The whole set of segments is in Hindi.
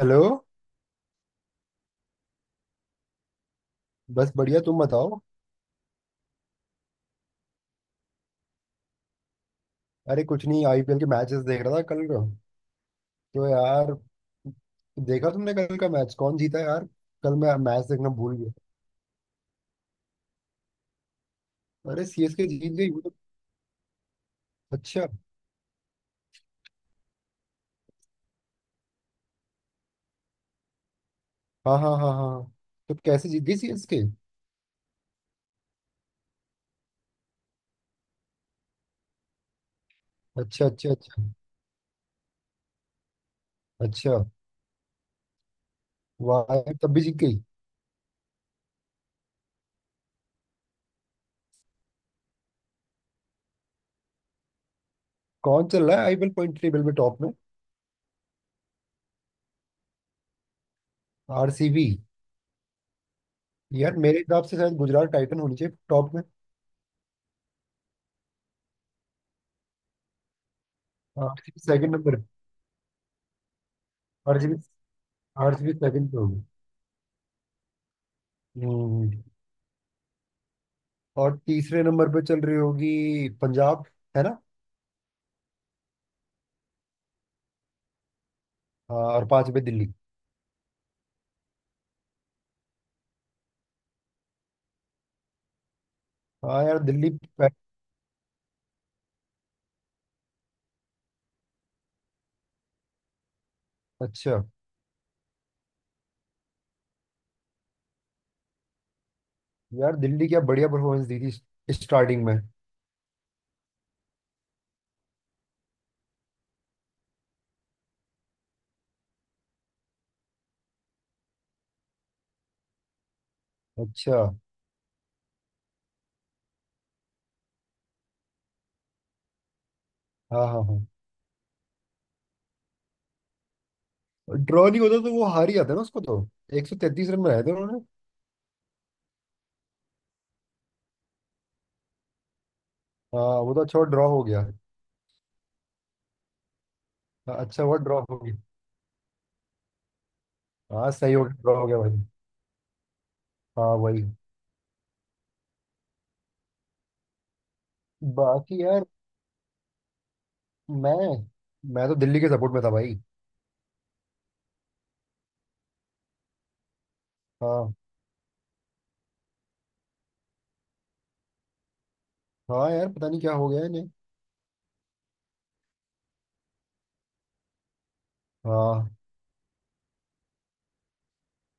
हेलो। बस बढ़िया, तुम बताओ। अरे कुछ नहीं, आईपीएल के मैचेस देख रहा था कल का। तो यार, देखा तुमने कल का मैच? कौन जीता यार? कल मैं मैच देखना भूल गया। अरे, सीएसके जीत गई वो तो? अच्छा। हाँ हाँ हाँ हाँ। तो कैसे जीत गई सीएसके? अच्छा अच्छा अच्छा। अच्छा। वाह यार, तब भी जीत गई। कौन चल रहा है आईपीएल पॉइंट टेबल में, टॉप में? आरसीबी? यार मेरे हिसाब से शायद गुजरात टाइटन होनी चाहिए टॉप में। RCB second number? RCB. RCB second पे होगी। हम्म। और तीसरे नंबर पे चल रही होगी पंजाब, है ना? हाँ, और पांच पे दिल्ली। हाँ यार, दिल्ली। पै- अच्छा। यार दिल्ली क्या बढ़िया परफॉर्मेंस दी थी स्टार्टिंग में। अच्छा। हाँ हाँ हाँ। ड्रॉ नहीं होता तो वो हार ही जाता ना, उसको तो। 133 रन बनाए थे उन्होंने। हाँ, वो तो अच्छा ड्रॉ हो गया। हाँ, अच्छा हुआ ड्रॉ हो गया। हाँ, सही हो गया, ड्रॉ हो गया भाई। हाँ वही। बाकी यार मैं मैं तो दिल्ली के सपोर्ट में था भाई। हाँ। हाँ यार, पता नहीं क्या हो गया इन्हें। हाँ।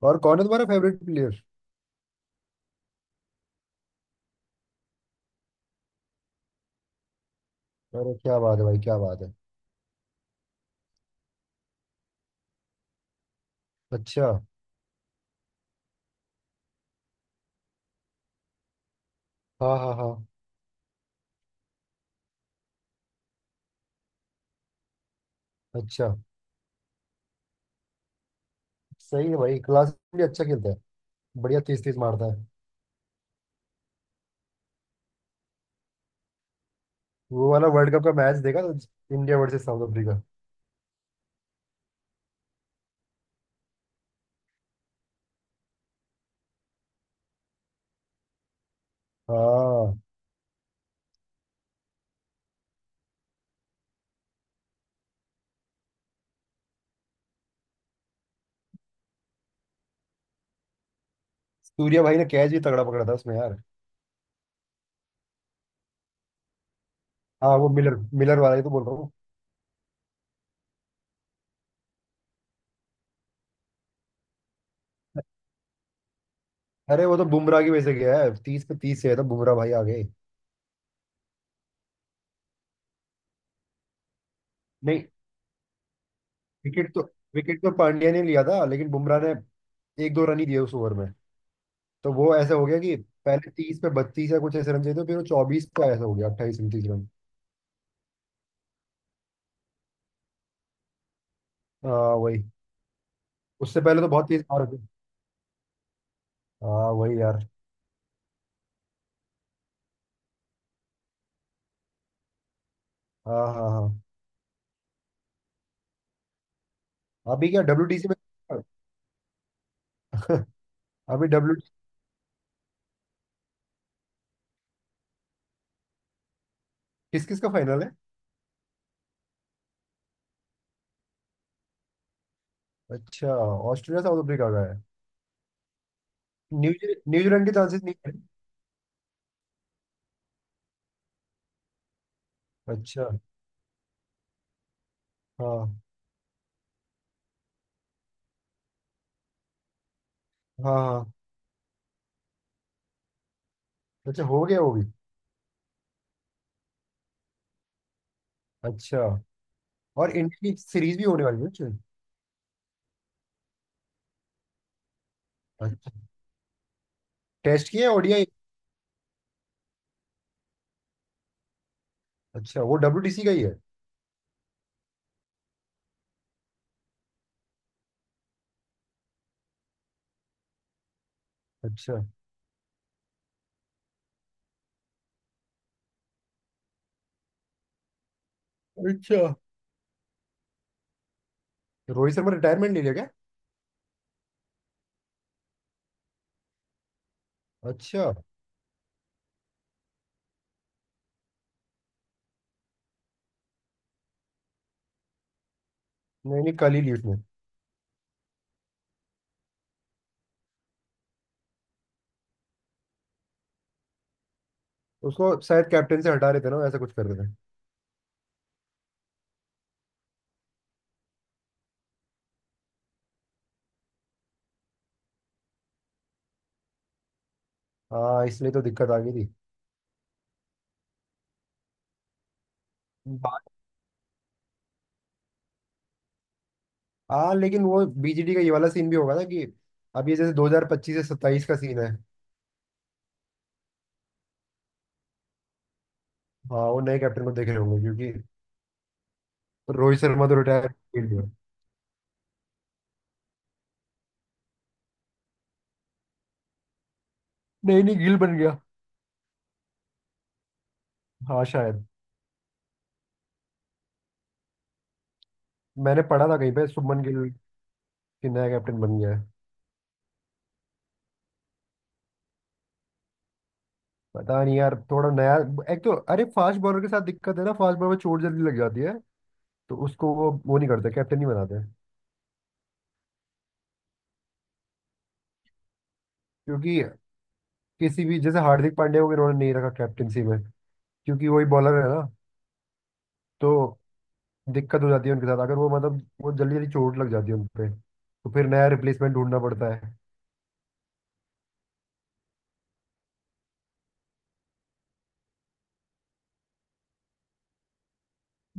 और कौन है तुम्हारा फेवरेट प्लेयर? अरे क्या बात है भाई, क्या बात है। अच्छा। हाँ हाँ हाँ। अच्छा। सही है भाई, क्लास भी अच्छा खेलता है। बढ़िया तीस तीस मारता है। वो वाला वर्ल्ड कप का मैच देखा था, इंडिया वर्सेस साउथ अफ्रीका। हाँ, सूर्या भाई ने कैच भी तगड़ा पकड़ा था उसमें यार। हाँ, वो मिलर, मिलर वाला ही तो बोल रहा हूँ। अरे वो तो बुमराह की वजह से गया है, तीस पे तीस से है तो बुमराह भाई आ गए। नहीं, विकेट तो, विकेट तो पांड्या ने लिया था, लेकिन बुमराह ने एक दो रन ही दिए उस ओवर में। तो वो ऐसा हो गया कि पहले 30 पे 32 या कुछ ऐसे रन चाहिए थे, फिर वो 24 पे ऐसा हो गया, 28 29 रन। हाँ वही। उससे पहले तो बहुत तेज मार होती। हाँ वही यार। हाँ हाँ हाँ। अभी क्या डब्ल्यूटीसी में? अभी डब्ल्यू किस किस का फाइनल है? अच्छा, ऑस्ट्रेलिया साउथ अफ्रीका का है। न्यूजीलैंड के चांसेस नहीं है? अच्छा। हाँ हाँ हाँ। अच्छा, हो गया वो भी। अच्छा। और इंडिया की सीरीज भी होने वाली है? अच्छा। अच्छा, टेस्ट की है ओडीआई? अच्छा, वो डब्ल्यूटीसी का ही है। अच्छा। अच्छा। रोहित शर्मा रिटायरमेंट ले लिया क्या? अच्छा। नहीं नहीं, कल ही ली उसने। उसको शायद कैप्टन से हटा रहे थे ना, ऐसा कुछ कर रहे थे। हाँ, इसलिए तो दिक्कत आ गई थी। हाँ लेकिन वो बीजीडी का ये वाला सीन भी होगा ना कि अब, ये जैसे 2025 से 27 का सीन है। हाँ, वो नए कैप्टन को देख रहे होंगे क्योंकि रोहित शर्मा तो रिटायर। गिल गया। नहीं नहीं, गिल बन गया। हाँ शायद। मैंने पढ़ा था कहीं पे, शुभमन गिल कि नया कैप्टन बन गया है। पता नहीं यार, थोड़ा नया। एक तो अरे, फास्ट बॉलर के साथ दिक्कत है ना, फास्ट बॉलर में चोट जल्दी लग जाती है। तो उसको वो नहीं करते, कैप्टन नहीं बनाते। क्योंकि किसी भी जैसे हार्दिक पांड्या को भी इन्होंने नहीं रखा कैप्टनसी में, क्योंकि वही बॉलर है ना। तो दिक्कत हो जाती है उनके साथ, अगर वो मतलब वो जल्दी जल्दी चोट लग जाती है उनपे, तो फिर नया रिप्लेसमेंट ढूंढना पड़ता है।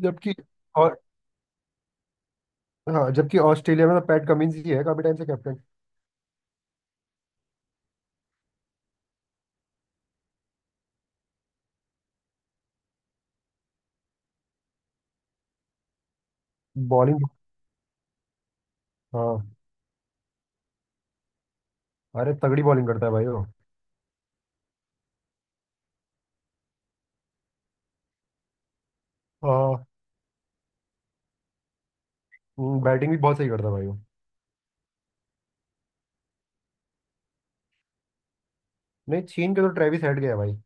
जबकि। और हाँ, जबकि ऑस्ट्रेलिया में तो पैट कमिंस ही है काफी टाइम से कैप्टन। बॉलिंग। हाँ। अरे तगड़ी बॉलिंग करता है भाई वो। हाँ, बैटिंग भी बहुत सही करता है भाई वो। नहीं, छीन के तो ट्रेविस हेड गया भाई।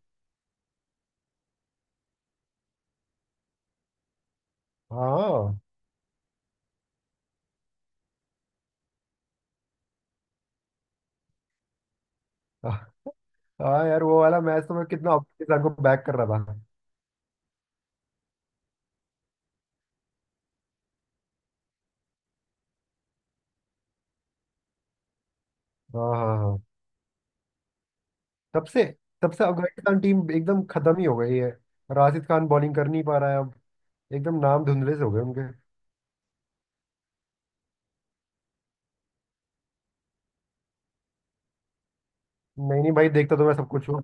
हाँ हाँ यार, वो वाला मैच तो मैं कितना अफगानिस्तान को बैक कर रहा था। हाँ हाँ हाँ। तब से तब से अफगानिस्तान टीम एकदम खत्म ही हो गई है। राशिद खान बॉलिंग कर नहीं पा रहा है अब। एकदम नाम धुंधले से हो गए उनके। नहीं नहीं भाई, देखता तो मैं सब कुछ हूँ।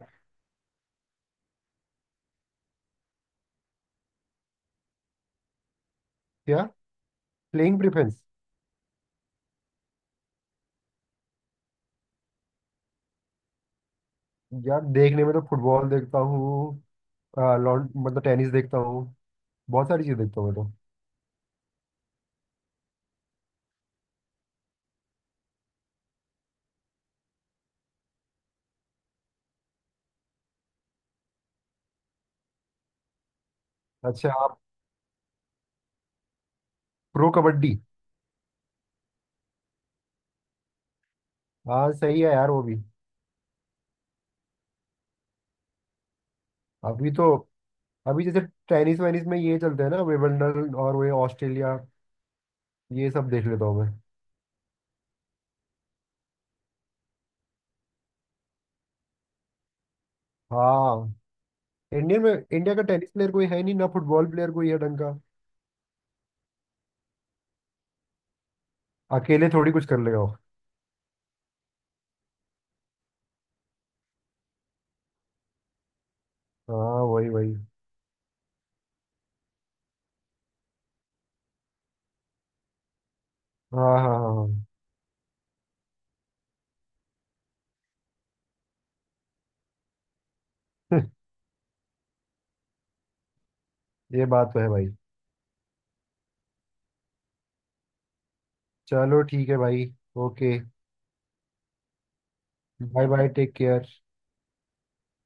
क्या? Playing preference? यार देखने में तो फुटबॉल देखता हूँ। आ, लॉन मतलब टेनिस देखता हूँ। बहुत सारी चीज़ देखता हूँ मैं। तो अच्छा। आप प्रो कबड्डी? हाँ, सही है यार, वो भी। अभी तो, अभी जैसे टेनिस वेनिस में ये चलते हैं ना विंबलडन, और वो ऑस्ट्रेलिया। ये सब देख लेता हूँ मैं। हाँ, इंडियन में इंडिया का टेनिस प्लेयर कोई है नहीं ना, फुटबॉल प्लेयर कोई है ढंग का। अकेले थोड़ी कुछ कर लेगा वो। हाँ वही वही। हाँ हाँ हाँ। हाँ। ये बात तो है भाई। चलो, ठीक है भाई। Okay. Bye bye, take care.